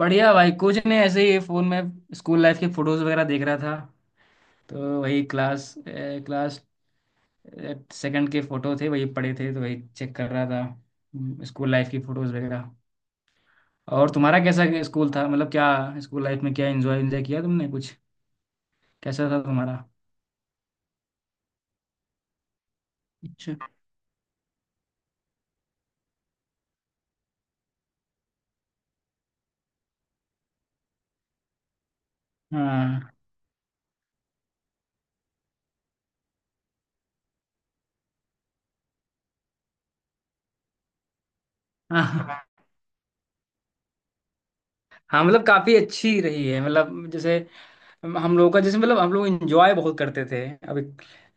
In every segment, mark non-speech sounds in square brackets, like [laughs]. बढ़िया भाई। कुछ नहीं, ऐसे ही फोन में स्कूल लाइफ के फोटोज वगैरह देख रहा था। तो वही क्लास सेकंड के फोटो थे, वही पड़े थे तो वही चेक कर रहा था। स्कूल लाइफ की फोटोज वगैरह। और तुम्हारा कैसा स्कूल था? मतलब क्या स्कूल लाइफ में क्या एंजॉय एंजॉय किया तुमने कुछ? कैसा था तुम्हारा? अच्छा। हाँ। [laughs] हाँ मतलब काफी अच्छी रही है, मतलब जैसे हम लोगों का जैसे मतलब हम लोग इंजॉय बहुत करते थे। अभी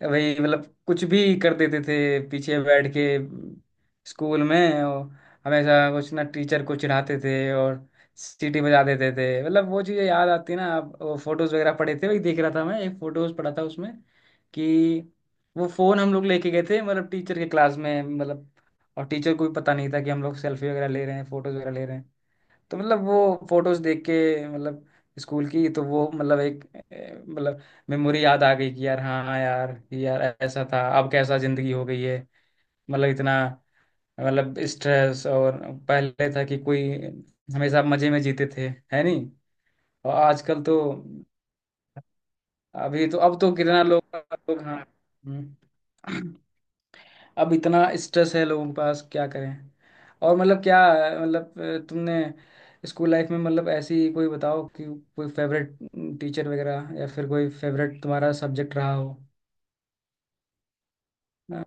वही, मतलब कुछ भी कर देते थे, पीछे बैठ के स्कूल में। और हमेशा कुछ ना टीचर को चिढ़ाते थे और सीटी बजा देते थे। मतलब वो चीज़ें याद आती ना। आप वो फोटोज वगैरह पड़े थे, वही देख रहा था मैं। एक फोटोज पड़ा था उसमें कि वो फोन हम लोग लेके गए थे, मतलब टीचर के क्लास में। मतलब और टीचर को भी पता नहीं था कि हम लोग सेल्फी वगैरह ले रहे हैं, फोटोज वगैरह ले रहे हैं। तो मतलब वो फोटोज देख के, मतलब स्कूल की, तो वो मतलब एक मतलब मेमोरी याद आ गई। कि यार हाँ यार, कि यार ऐसा था, अब कैसा जिंदगी हो गई है। मतलब इतना मतलब स्ट्रेस। और पहले था कि कोई, हमेशा मजे में जीते थे, है नहीं। और आजकल तो अभी तो, अब तो कितना लोग, लोग, हाँ। हम्म। अब इतना स्ट्रेस है लोगों के पास, क्या करें। और मतलब क्या, मतलब तुमने स्कूल लाइफ में, मतलब ऐसी कोई बताओ कि कोई फेवरेट टीचर वगैरह, या फिर कोई फेवरेट तुम्हारा सब्जेक्ट रहा हो? हाँ,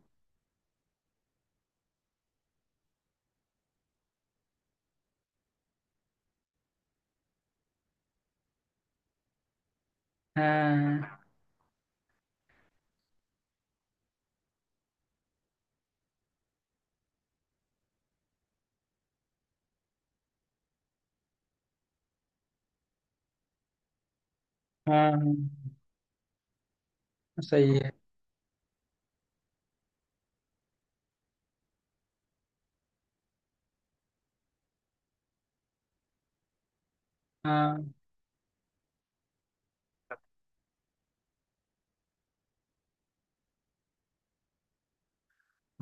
हाँ हाँ, सही है। हाँ।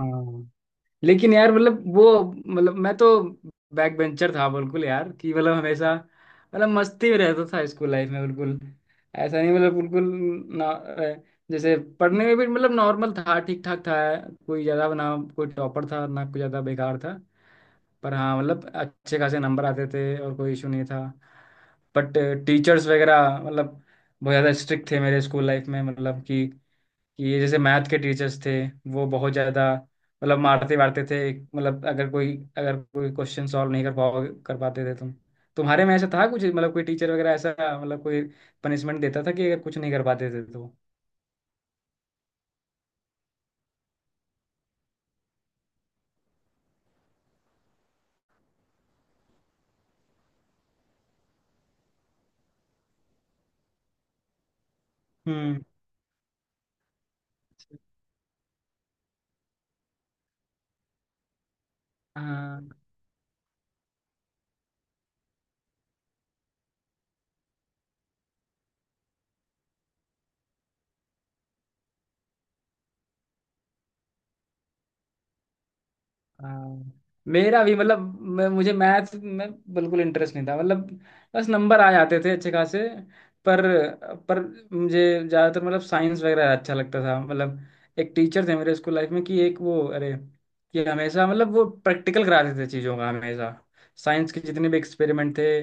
हाँ। लेकिन यार मतलब वो, मतलब मैं तो बैक बेंचर था बिल्कुल यार। कि मतलब हमेशा मतलब मस्ती में रहता था स्कूल लाइफ में, बिल्कुल। ऐसा नहीं मतलब बिल्कुल ना अ, जैसे पढ़ने में भी मतलब नॉर्मल था, ठीक ठाक था। कोई ज़्यादा, ना कोई टॉपर था, ना कोई ज़्यादा बेकार था। पर हाँ मतलब अच्छे खासे नंबर आते थे, और कोई इशू नहीं था। बट टीचर्स वगैरह मतलब बहुत ज़्यादा स्ट्रिक्ट थे मेरे स्कूल लाइफ में। मतलब कि ये जैसे मैथ के टीचर्स थे, वो बहुत ज़्यादा मतलब मारते वारते थे। मतलब अगर कोई क्वेश्चन सॉल्व नहीं कर पाते थे तुम। तुम्हारे में ऐसा था कुछ, मतलब कोई टीचर वगैरह ऐसा, मतलब कोई पनिशमेंट देता था कि अगर कुछ नहीं कर पाते थे तो? हम्म। हाँ। हाँ, मेरा भी मतलब मैं मुझे मैथ में बिल्कुल इंटरेस्ट नहीं था, मतलब बस नंबर आ जाते थे अच्छे खासे। पर पर मुझे ज़्यादातर मतलब साइंस वगैरह अच्छा लगता था। मतलब एक टीचर थे मेरे स्कूल लाइफ में कि एक वो, अरे कि हमेशा मतलब वो प्रैक्टिकल कराते थे चीज़ों का, हमेशा साइंस के जितने भी एक्सपेरिमेंट थे,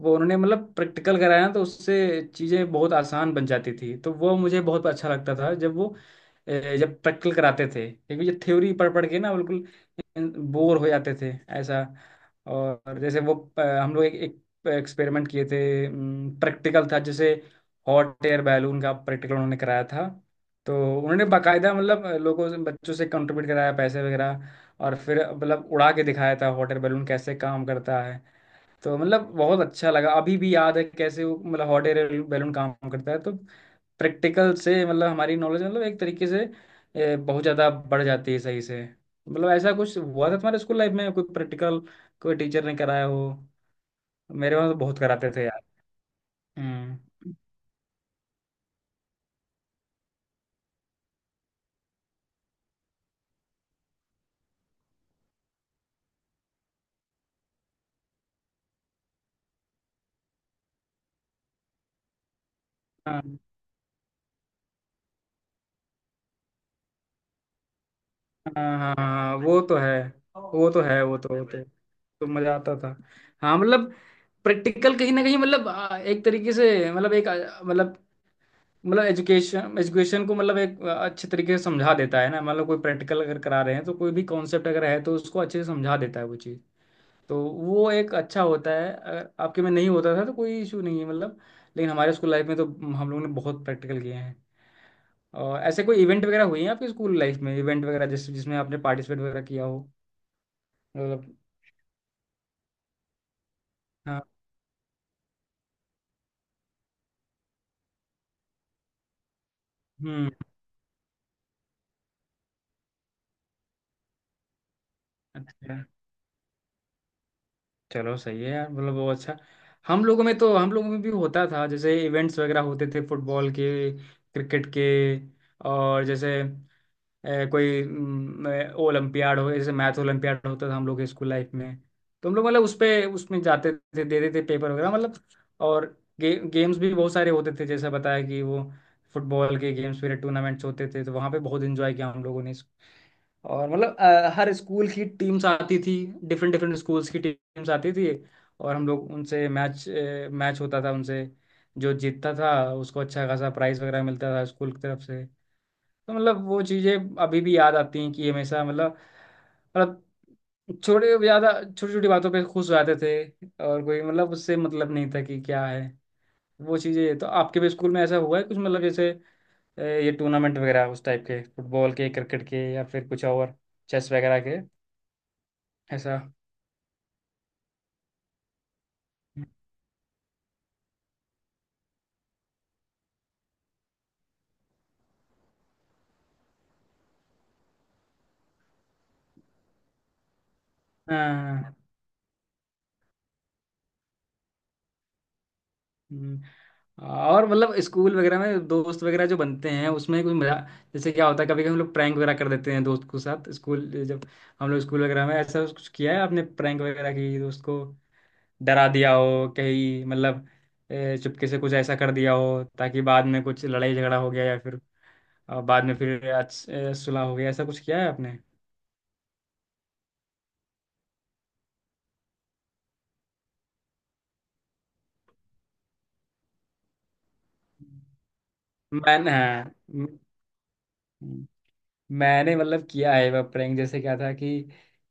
वो उन्होंने मतलब प्रैक्टिकल कराया, तो उससे चीज़ें बहुत आसान बन जाती थी। तो वो मुझे बहुत अच्छा लगता था जब वो, जब प्रैक्टिकल कराते थे। क्योंकि ये थ्योरी पढ़ पढ़ के ना बिल्कुल बोर हो जाते थे ऐसा। और जैसे वो हम लोग एक एक्सपेरिमेंट किए थे, प्रैक्टिकल था जैसे हॉट एयर बैलून का प्रैक्टिकल उन्होंने कराया था। तो उन्होंने बकायदा मतलब लोगों से, बच्चों से कंट्रीब्यूट कराया पैसे वगैरह, और फिर मतलब उड़ा के दिखाया था हॉट एयर बैलून कैसे काम करता है। तो मतलब बहुत अच्छा लगा, अभी भी याद है कैसे वो मतलब हॉट एयर बैलून काम करता है। तो प्रैक्टिकल से मतलब हमारी नॉलेज मतलब एक तरीके से बहुत ज़्यादा बढ़ जाती है सही से। मतलब ऐसा कुछ हुआ था तुम्हारे स्कूल लाइफ में, कोई प्रैक्टिकल कोई टीचर ने कराया हो? मेरे वहाँ तो बहुत कराते थे यार। हम्म। हाँ। हाँ हाँ हाँ, वो तो है, वो तो है, वो तो, तो मजा आता था। हाँ मतलब प्रैक्टिकल कहीं ना कहीं मतलब एक तरीके से, मतलब एक आ, मतलब मतलब एजुकेशन एजुकेशन को मतलब एक अच्छे तरीके से समझा देता है ना। मतलब कोई प्रैक्टिकल अगर करा रहे हैं तो कोई भी कॉन्सेप्ट अगर है तो उसको अच्छे से समझा देता है वो चीज़। तो वो एक अच्छा होता है, अगर आपके में नहीं होता था तो कोई इशू नहीं है मतलब। लेकिन हमारे स्कूल लाइफ में तो हम लोगों ने बहुत प्रैक्टिकल किए हैं। और ऐसे कोई इवेंट वगैरह हुई है आपके स्कूल लाइफ में, इवेंट वगैरह जिस जिसमें आपने पार्टिसिपेट वगैरह किया हो? मतलब। हाँ। हम्म। अच्छा। चलो सही है यार, मतलब वो अच्छा। हम लोगों में भी होता था जैसे। इवेंट्स वगैरह होते थे फुटबॉल के, क्रिकेट के। और जैसे ए, कोई म, ओलंपियाड हो, जैसे मैथ ओलंपियाड होता था हम लोग के स्कूल लाइफ में। तो हम लोग मतलब उस पे उसमें जाते थे, दे देते थे पेपर वगैरह मतलब। और गेम्स भी बहुत सारे होते थे, जैसा बताया कि वो फुटबॉल के गेम्स वगैरह टूर्नामेंट्स होते थे। तो वहाँ पे बहुत एंजॉय किया हम लोगों ने और मतलब हर स्कूल की टीम्स आती थी, डिफरेंट डिफरेंट स्कूल्स की टीम्स आती थी, और हम लोग उनसे मैच, मैच होता था उनसे। जो जीतता था उसको अच्छा खासा प्राइज वगैरह मिलता था स्कूल की तरफ से। तो मतलब वो चीज़ें अभी भी याद आती हैं, कि हमेशा मतलब, मतलब छोटे ज़्यादा छोटी छोटी बातों पे खुश हो जाते थे, और कोई मतलब उससे मतलब नहीं था कि क्या है। वो चीज़ें तो आपके भी स्कूल में ऐसा हुआ है कुछ, मतलब जैसे ये टूर्नामेंट वगैरह उस टाइप के, फुटबॉल के, क्रिकेट के, या फिर कुछ और, चेस वगैरह के? ऐसा। हाँ, हाँ। हम्म। और मतलब स्कूल वगैरह में दोस्त वगैरह जो बनते हैं उसमें कोई मजा, जैसे क्या होता है कभी कभी हम लोग प्रैंक वगैरह कर देते हैं दोस्त के साथ स्कूल जब, हम लोग स्कूल वगैरह में। ऐसा कुछ किया है आपने प्रैंक वगैरह, की दोस्त को डरा दिया हो कहीं, मतलब चुपके से कुछ ऐसा कर दिया हो ताकि बाद में कुछ लड़ाई झगड़ा हो गया, या फिर बाद में फिर सुलह हो गया, ऐसा कुछ किया है आपने? मैंने, हाँ। मैंने मतलब किया है वह प्रैंक। जैसे क्या था कि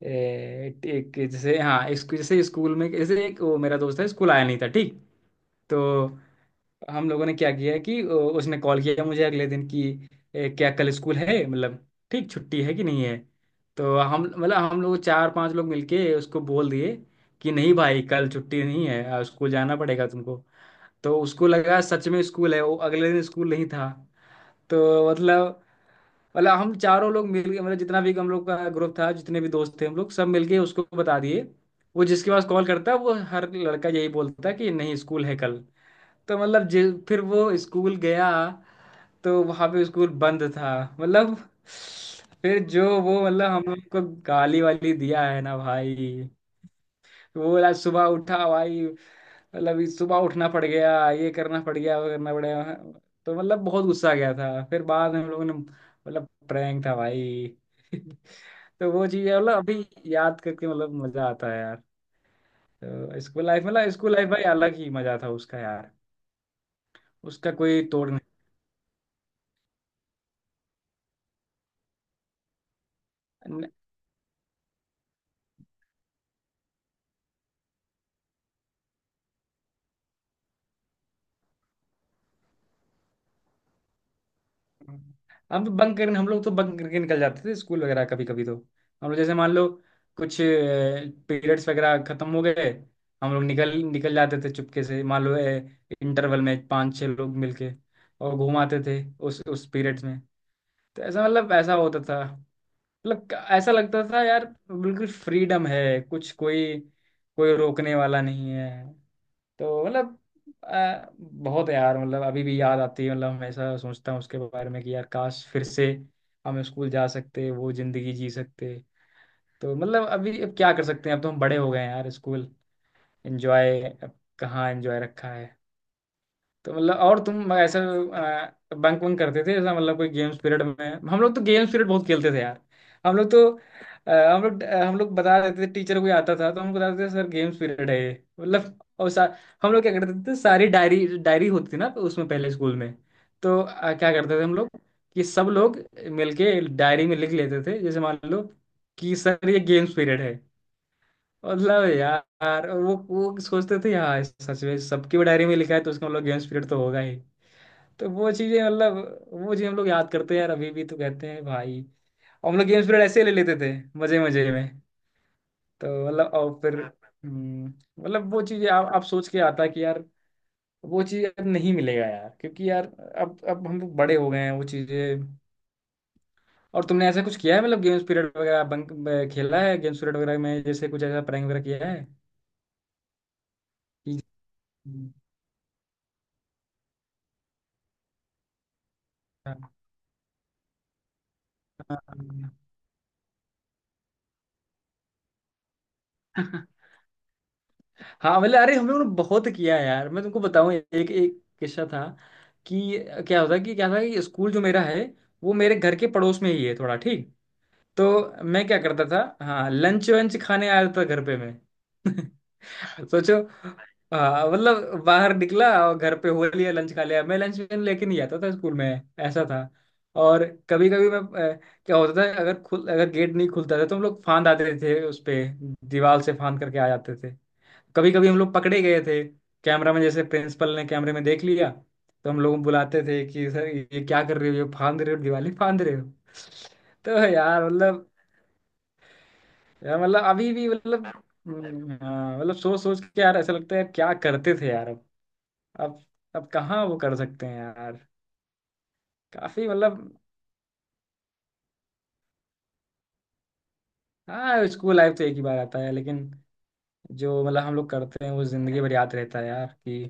एक जैसे, हाँ इसको जैसे स्कूल में, जैसे एक वो मेरा दोस्त है, स्कूल आया नहीं था, ठीक। तो हम लोगों ने क्या किया कि उसने कॉल किया मुझे अगले दिन, कि क्या कल स्कूल है, मतलब ठीक, छुट्टी है कि नहीं है। तो हम लोग चार पांच लोग मिलके उसको बोल दिए कि नहीं भाई कल छुट्टी नहीं है, स्कूल जाना पड़ेगा तुमको। तो उसको लगा सच में स्कूल है, वो अगले दिन, स्कूल नहीं था। तो मतलब, मतलब हम चारों लोग मिल के, मतलब जितना भी हम लोग का ग्रुप था, जितने भी दोस्त थे, हम लोग सब मिलके उसको बता दिए। वो जिसके पास कॉल करता वो हर लड़का यही बोलता कि नहीं स्कूल है कल। तो मतलब फिर वो स्कूल गया तो वहाँ पे स्कूल बंद था मतलब। फिर जो वो मतलब हम लोग को गाली वाली दिया है ना भाई, पूरा सुबह उठा भाई, मतलब इस सुबह उठना पड़ गया, ये करना पड़ गया, वो करना पड़ गया। तो मतलब बहुत गुस्सा आ गया था। फिर बाद में हम लोगों ने मतलब, प्रैंक था भाई। [laughs] तो वो चीज मतलब अभी याद करके मतलब मजा आता है यार। तो स्कूल लाइफ, मतलब स्कूल लाइफ भाई अलग ही मजा था उसका यार, उसका कोई तोड़ नहीं। हम लोग तो बंक करके निकल जाते थे स्कूल वगैरह। कभी कभी तो हम लोग, जैसे मान लो कुछ पीरियड्स वगैरह खत्म हो गए, हम लोग निकल निकल जाते थे चुपके से। मान लो इंटरवल में पांच छह लोग मिलके, और घुमाते थे उस पीरियड्स में। तो ऐसा मतलब ऐसा होता था। मतलब ऐसा लगता था यार बिल्कुल फ्रीडम है, कुछ कोई, कोई रोकने वाला नहीं है। तो मतलब बहुत यार, मतलब अभी भी याद आती है, मतलब हमेशा सोचता हूँ उसके बारे में कि यार काश फिर से हम स्कूल जा सकते, वो जिंदगी जी सकते। तो मतलब अभी, अब क्या कर सकते हैं, अब तो हम बड़े हो गए हैं यार। स्कूल एंजॉय, कहाँ एंजॉय रखा है। तो मतलब और तुम ऐसा बंक वंक करते थे ऐसा, मतलब कोई गेम्स पीरियड में? हम लोग तो गेम्स पीरियड बहुत खेलते थे यार। हम लोग तो, हम लोग बता देते थे, टीचर कोई आता था तो हमको बताते थे, सर गेम्स पीरियड है ये, मतलब। और हम लोग क्या करते थे, सारी डायरी, डायरी होती थी ना उसमें पहले स्कूल में। तो क्या करते थे हम लोग कि सब लोग मिलके डायरी में लिख लेते थे, जैसे मान लो कि सर ये गेम्स पीरियड है। मतलब यार, और वो सोचते थे यार सच में, सबकी डायरी में लिखा है तो उसका मतलब गेम्स पीरियड तो होगा ही। तो वो चीजें मतलब, वो चीज हम लोग याद करते हैं यार अभी भी, तो कहते हैं भाई। और हम लोग गेम्स पीरियड ऐसे ही ले लेते थे, मजे मजे में। तो मतलब और फिर मतलब वो चीजें, आप सोच के आता है कि यार वो चीज अब नहीं मिलेगा यार, क्योंकि यार अब हम लोग बड़े हो गए हैं, वो चीजें। और तुमने ऐसा कुछ किया है, मतलब गेम्स पीरियड वगैरह बंक खेला है गेम्स पीरियड वगैरह में, जैसे कुछ ऐसा प्रैंक वगैरह किया है? कि- [laughs] हाँ, हाँ, हाँ। हाँ मतलब अरे हम लोगों ने बहुत किया है यार। मैं तुमको बताऊं एक एक किस्सा था कि, क्या होता, कि क्या था कि, स्कूल जो मेरा है वो मेरे घर के पड़ोस में ही है थोड़ा, ठीक। तो मैं क्या करता था, हाँ लंच वंच खाने आ जाता था घर पे मैं। [laughs] सोचो। हाँ मतलब बाहर निकला और घर पे हो लिया, लंच खा लिया। मैं लंच लेके नहीं आता था स्कूल में, ऐसा था। और कभी कभी मैं अ, क्या होता था, अगर खुल, अगर गेट नहीं खुलता था तो हम लोग फांद आते थे उस पे, दीवार से फांद करके आ जाते थे। कभी कभी हम लोग पकड़े गए थे कैमरा में, जैसे प्रिंसिपल ने कैमरे में देख लिया। तो हम लोग बुलाते थे कि सर ये क्या कर रहे हो, ये फांद रहे हो, दिवाली फांद रहे हो। [laughs] तो यार मतलब, यार मतलब अभी भी मतलब, हाँ, मतलब सोच सोच के यार ऐसा लगता है यार, क्या करते थे यार अब। अब अब कहाँ वो कर सकते हैं यार। काफी मतलब, हाँ स्कूल लाइफ तो एक ही बार आता है, लेकिन जो मतलब हम लोग करते हैं वो जिंदगी भर याद रहता है यार कि,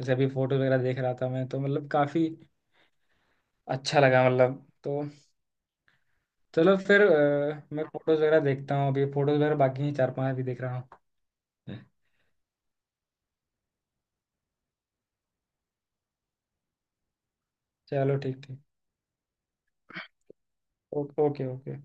जैसे अभी फोटो वगैरह देख रहा था मैं तो मतलब काफी अच्छा लगा मतलब। तो चलो फिर मैं फोटोज वगैरह देखता हूँ, अभी फोटोज वगैरह बाकी हैं चार पांच, अभी देख रहा हूँ। चलो ठीक ठीक। Okay okay okay.